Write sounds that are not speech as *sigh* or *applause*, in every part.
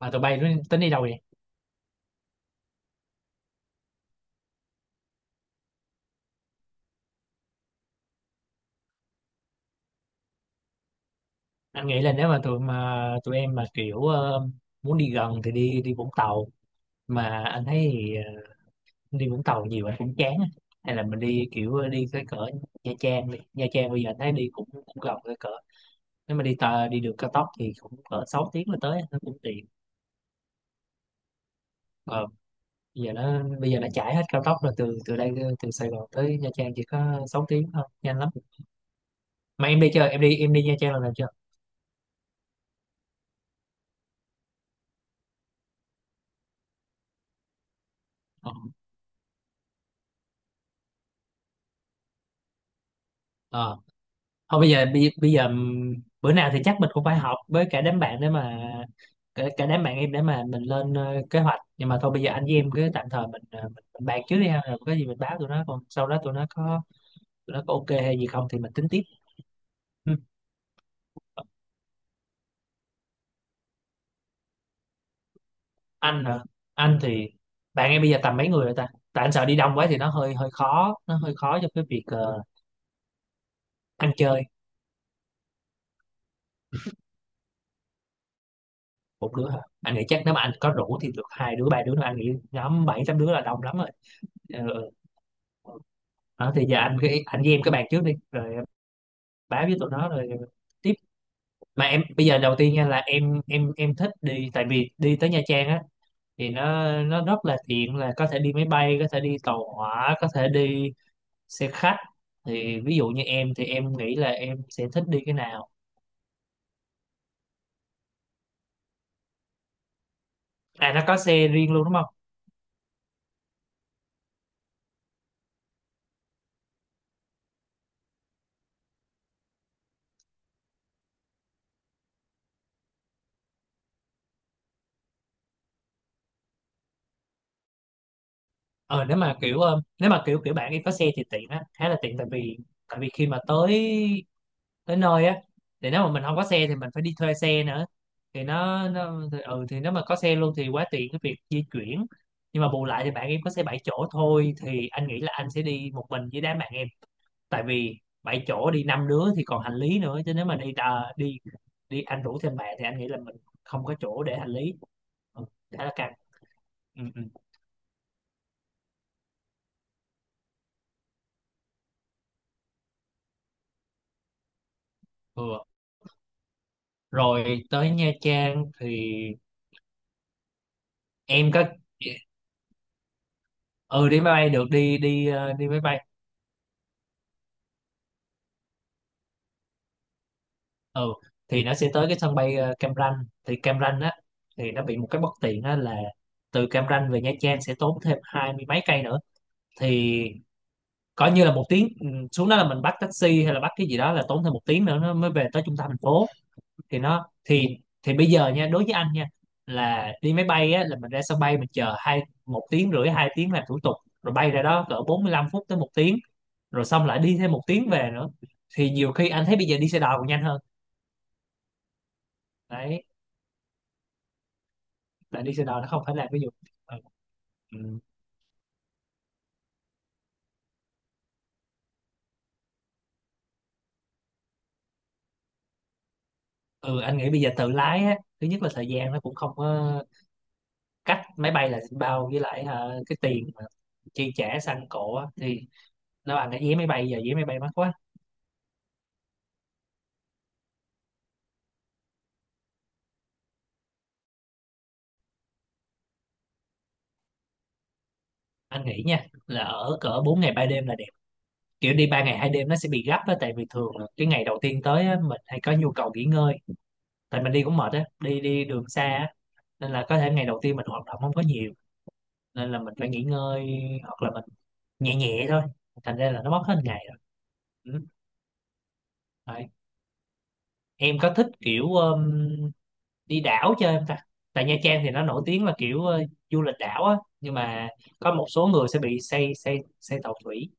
Mà tụi bay tính đi đâu vậy? Anh nghĩ là nếu mà tụi em mà kiểu muốn đi gần thì đi đi Vũng Tàu. Mà anh thấy thì, đi Vũng Tàu nhiều anh cũng chán á. Hay là mình đi kiểu đi cái cỡ Nha Trang. Đi Nha Trang bây giờ anh thấy đi cũng gần cái cỡ, nếu mà đi đường cao tốc thì cũng cỡ 6 tiếng là tới, nó cũng tiện. ờ, Bây giờ nó chạy hết cao tốc rồi, từ từ đây từ Sài Gòn tới Nha Trang chỉ có 6 tiếng thôi, nhanh lắm. Mà em đi chưa em đi em đi Nha Trang lần nào chưa? Ờ. Thôi bây giờ bây, bây giờ bữa nào thì chắc mình cũng phải họp với cả đám bạn, để mà cả đám bạn em để mà mình lên kế hoạch. Nhưng mà thôi bây giờ anh với em cứ tạm thời mình bàn trước đi ha, rồi có gì mình báo tụi nó, còn sau đó tụi nó có ok hay gì không thì mình tính tiếp. Ừ. Anh hả? Anh thì bạn em bây giờ tầm mấy người rồi ta, tại anh sợ đi đông quá thì nó hơi hơi khó, nó hơi khó cho cái việc ăn chơi. Một đứa hả? Anh nghĩ chắc nếu mà anh có rủ thì được hai đứa ba đứa nữa, anh nghĩ nhóm bảy tám đứa là đông lắm rồi. Ờ, ừ. Ờ, thì giờ anh cứ, anh với em cái bàn trước đi rồi em báo với tụi nó rồi tiếp. Mà em bây giờ đầu tiên nha, là em thích đi. Tại vì đi tới Nha Trang á thì nó rất là tiện, là có thể đi máy bay, có thể đi tàu hỏa, có thể đi xe khách. Thì ví dụ như em thì em nghĩ là em sẽ thích đi cái nào? À, nó có xe riêng luôn đúng không? Ờ Nếu mà kiểu nếu mà kiểu kiểu bạn em có xe thì tiện á, khá là tiện. Tại vì, tại vì khi mà tới, tới nơi á, thì nếu mà mình không có xe thì mình phải đi thuê xe nữa. Thì nó thì, ừ thì nếu mà có xe luôn thì quá tiện cái việc di chuyển. Nhưng mà bù lại thì bạn em có xe 7 chỗ thôi, thì anh nghĩ là anh sẽ đi một mình với đám bạn em. Tại vì 7 chỗ đi năm đứa thì còn hành lý nữa, chứ nếu mà đi đà, đi đi anh rủ thêm bạn thì anh nghĩ là mình không có chỗ để hành lý. Ừ, khá là căng. ừ, ừ, Vừa rồi, tới Nha Trang thì em có. Ừ Đi máy bay được, đi đi ờ, đi máy bay. Ừ, thì nó sẽ tới cái sân bay Cam Ranh. Thì Cam Ranh á thì nó bị một cái bất tiện á, là từ Cam Ranh về Nha Trang sẽ tốn thêm hai mươi mấy cây nữa. Thì coi như là một tiếng. Ừ, Xuống đó là mình bắt taxi hay là bắt cái gì đó, là tốn thêm một tiếng nữa nó mới về tới trung tâm thành phố. Thì nó thì thì bây giờ nha, đối với anh nha, là đi máy bay á là mình ra sân bay mình chờ một tiếng rưỡi hai tiếng làm thủ tục, rồi bay ra đó cỡ 45 phút tới một tiếng, rồi xong lại đi thêm một tiếng về nữa. Thì nhiều khi anh thấy bây giờ đi xe đò còn nhanh hơn đấy. Tại đi xe đò nó không phải là ví dụ. ừ, ừ, anh nghĩ bây giờ tự lái á, thứ nhất là thời gian nó cũng không có cách máy bay là bao, với lại cái tiền mà chi trả xăng cộ á, thì nó bằng cái vé máy bay, giờ vé máy bay mắc quá. Anh nghĩ nha là ở cỡ 4 ngày 3 đêm là đẹp, kiểu đi 3 ngày 2 đêm nó sẽ bị gấp á, tại vì thường là cái ngày đầu tiên tới á, mình hay có nhu cầu nghỉ ngơi, tại mình đi cũng mệt á, đi đi đường xa á, nên là có thể ngày đầu tiên mình hoạt động không có nhiều, nên là mình phải nghỉ ngơi hoặc là mình nhẹ nhẹ thôi, thành ra là nó mất hết ngày. Ừ. Đấy. Em có thích kiểu đi đảo chơi không ta? Tại Nha Trang thì nó nổi tiếng là kiểu du lịch đảo á, nhưng mà có một số người sẽ bị say say say tàu thủy.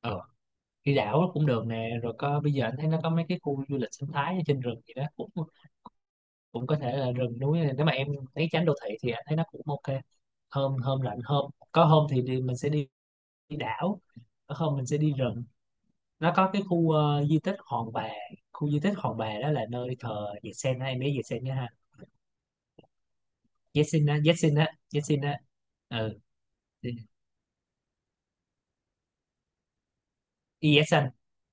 Ờ, đi đảo cũng được nè. Rồi có, bây giờ anh thấy nó có mấy cái khu du lịch sinh thái ở trên rừng gì đó, cũng cũng có thể là rừng núi, nếu mà em thấy tránh đô thị thì anh thấy nó cũng ok. Hôm hôm lạnh hôm có hôm thì đi, mình sẽ đi, đi đảo, có hôm mình sẽ đi rừng. Nó có cái khu di tích Hòn Bà. Khu di tích Hòn Bà đó là nơi thờ Yesen, hay mấy Yesen nhá ha. Yesen á, Yesen á, Yesen á, ừ Yesen.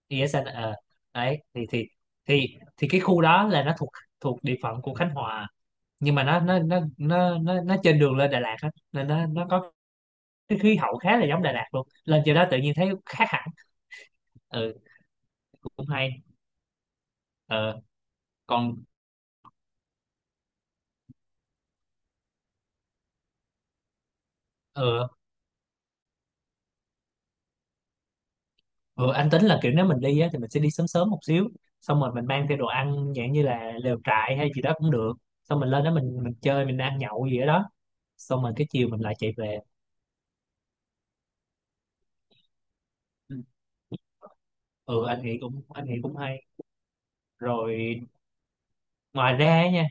Yesen ờ Đấy, thì thì cái khu đó là nó thuộc, thuộc địa phận của Khánh Hòa. Nhưng mà nó trên đường lên Đà Lạt á, nên nó có cái khí hậu khá là giống Đà Lạt luôn, lên trên đó tự nhiên thấy khác hẳn. Ừ, cũng hay. Ờ còn ừ Ừ, anh tính là kiểu nếu mình đi á, thì mình sẽ đi sớm sớm một xíu, xong rồi mình mang theo đồ ăn dạng như là lều trại hay gì đó cũng được, xong mình lên đó mình chơi mình ăn nhậu gì ở đó, xong rồi cái chiều mình lại chạy về. Ừ. Ừ, anh nghĩ cũng, hay rồi ngoài ra á nha.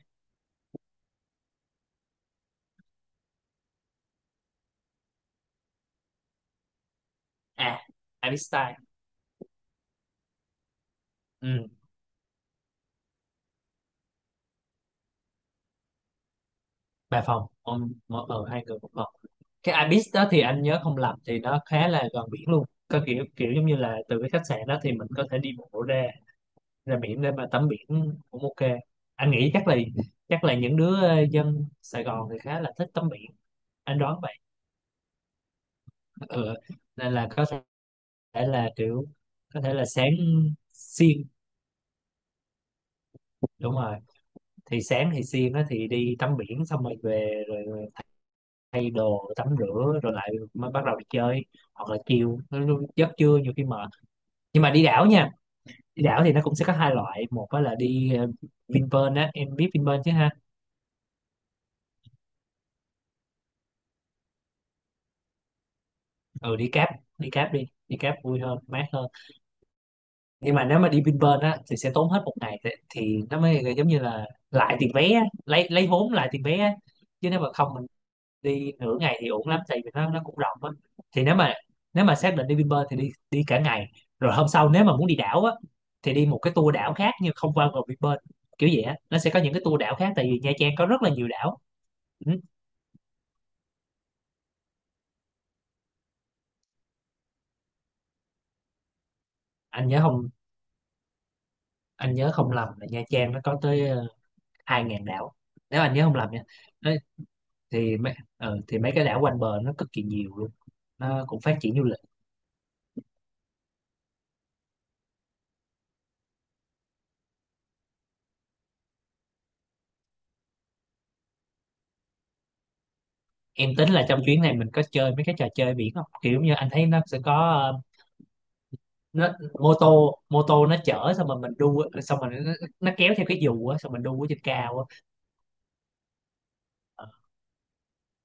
À, Ibis Style. Ừ, ba phòng, ông mỗi ở hai người một phòng. Cái Ibis đó thì anh nhớ không lầm thì nó khá là gần biển luôn, có kiểu kiểu giống như là từ cái khách sạn đó thì mình có thể đi bộ ra, ra biển để mà tắm biển, cũng ok. Anh nghĩ chắc là, những đứa dân Sài Gòn thì khá là thích tắm biển. Anh đoán vậy. *laughs* Ừ. Nên là có thể là kiểu, có thể là sáng xiên. Đúng rồi. Thì sáng thì xiên á thì đi tắm biển xong rồi về rồi, rồi thay đồ tắm rửa rồi lại mới bắt đầu đi chơi, hoặc là chiều, nó giấc trưa nhiều khi mệt. Nhưng mà đi đảo nha, đi đảo thì nó cũng sẽ có hai loại. Một á là đi Vinpearl á, em biết Vinpearl chứ ha? Ừ, đi cáp. Đi cáp, đi đi cáp vui hơn, mát hơn. Nhưng mà nếu mà đi Vinpearl á thì sẽ tốn hết một ngày, thì nó mới giống như là lại tiền vé á, lấy vốn lại tiền vé á. Chứ nếu mà không mình đi nửa ngày thì ổn lắm, tại vì nó cũng rộng á. Thì nếu mà, nếu mà xác định đi Vinpearl thì đi, đi cả ngày, rồi hôm sau nếu mà muốn đi đảo á thì đi một cái tour đảo khác nhưng không qua vào Vinpearl. Kiểu vậy á, nó sẽ có những cái tour đảo khác, tại vì Nha Trang có rất là nhiều đảo. Ừ. anh nhớ không anh nhớ không lầm là Nha Trang nó có tới 2.000 đảo, nếu anh nhớ không lầm nha. Thì mấy, cái đảo quanh bờ nó cực kỳ nhiều luôn, nó cũng phát triển du lịch. Em tính là trong chuyến này mình có chơi mấy cái trò chơi biển không? Kiểu như anh thấy nó sẽ có ờ, nó mô tô nó chở, xong rồi mình đu á, xong rồi nó kéo theo cái dù á, xong mình đu ở trên cao á. Ờ,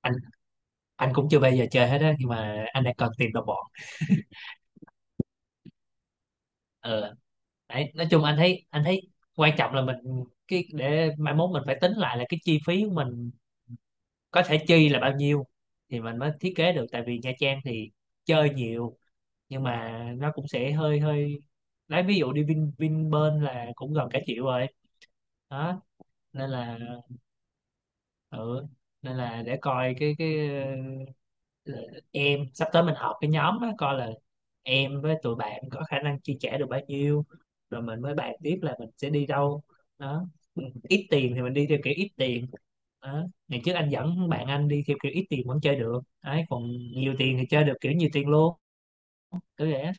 anh anh cũng chưa bao giờ chơi hết á, nhưng mà anh đang cần tìm đồng bọn. Ờ đấy, nói chung anh thấy, quan trọng là mình, cái để mai mốt mình phải tính lại là cái chi phí của mình có thể chi là bao nhiêu, thì mình mới thiết kế được. Tại vì Nha Trang thì chơi nhiều, nhưng mà nó cũng sẽ hơi hơi, lấy ví dụ đi Vinpearl là cũng gần cả triệu rồi đó. Nên là ừ, nên là để coi cái ờ, em sắp tới mình họp cái nhóm đó coi là em với tụi bạn có khả năng chi trả được bao nhiêu, rồi mình mới bàn tiếp là mình sẽ đi đâu đó. Ít tiền thì mình đi theo kiểu ít tiền đó. Ngày trước anh dẫn bạn anh đi theo kiểu ít tiền vẫn chơi được đấy, còn nhiều tiền thì chơi được kiểu nhiều tiền luôn. Cứ vậy.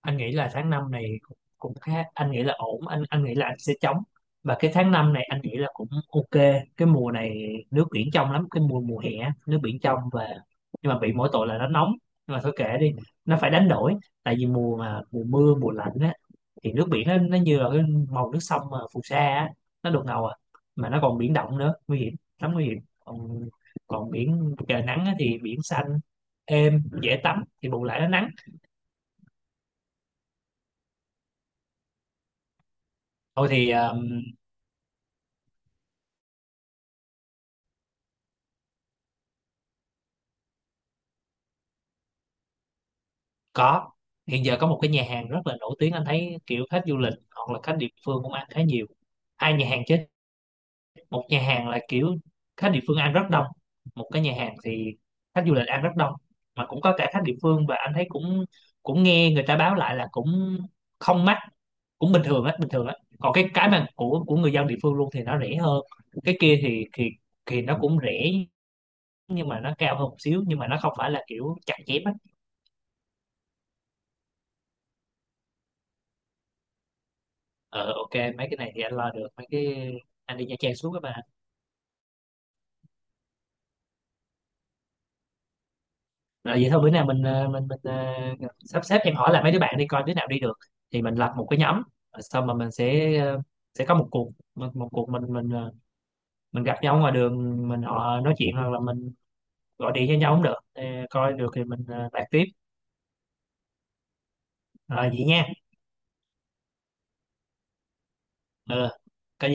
Anh nghĩ là tháng 5 này cũng khá, anh nghĩ là ổn. Anh, nghĩ là anh sẽ chống, và cái tháng 5 này anh nghĩ là cũng ok. Cái mùa này nước biển trong lắm, cái mùa mùa hè á, nước biển trong, và nhưng mà bị mỗi tội là nó nóng, nhưng mà thôi kệ đi, nó phải đánh đổi. Tại vì mùa mà, mùa mưa mùa lạnh á, thì nước biển nó như là cái màu nước sông mà phù sa á, nó đục ngầu à, mà nó còn biển động nữa, nguy hiểm lắm, nguy hiểm. Còn, biển trời nắng á thì biển xanh êm dễ tắm, thì bù lại nó nắng. Thôi thì có, hiện giờ có một cái nhà hàng rất là nổi tiếng, anh thấy kiểu khách du lịch hoặc là khách địa phương cũng ăn khá nhiều. Hai nhà hàng chứ. Một nhà hàng là kiểu khách địa phương ăn rất đông, một cái nhà hàng thì khách du lịch ăn rất đông, mà cũng có cả khách địa phương, và anh thấy cũng, nghe người ta báo lại là cũng không mắc, cũng bình thường á, bình thường á. Còn cái, mà của, người dân địa phương luôn thì nó rẻ hơn. Cái kia thì nó cũng rẻ, nhưng mà nó cao hơn một xíu, nhưng mà nó không phải là kiểu chặt chém á. Ờ, ok, mấy cái này thì anh lo được, mấy cái, anh đi Nha Trang suốt các bạn. À, vậy thôi bữa nào mình sắp xếp, em hỏi lại mấy đứa bạn đi coi đứa nào đi được thì mình lập một cái nhóm. Rồi xong mà mình sẽ sẽ có một cuộc, một cuộc mình, mình gặp nhau ngoài đường mình họ nói chuyện, hoặc là mình gọi điện cho nhau cũng được. Ờ, coi được thì mình bàn tiếp. Rồi vậy nha. Ừ, có gì.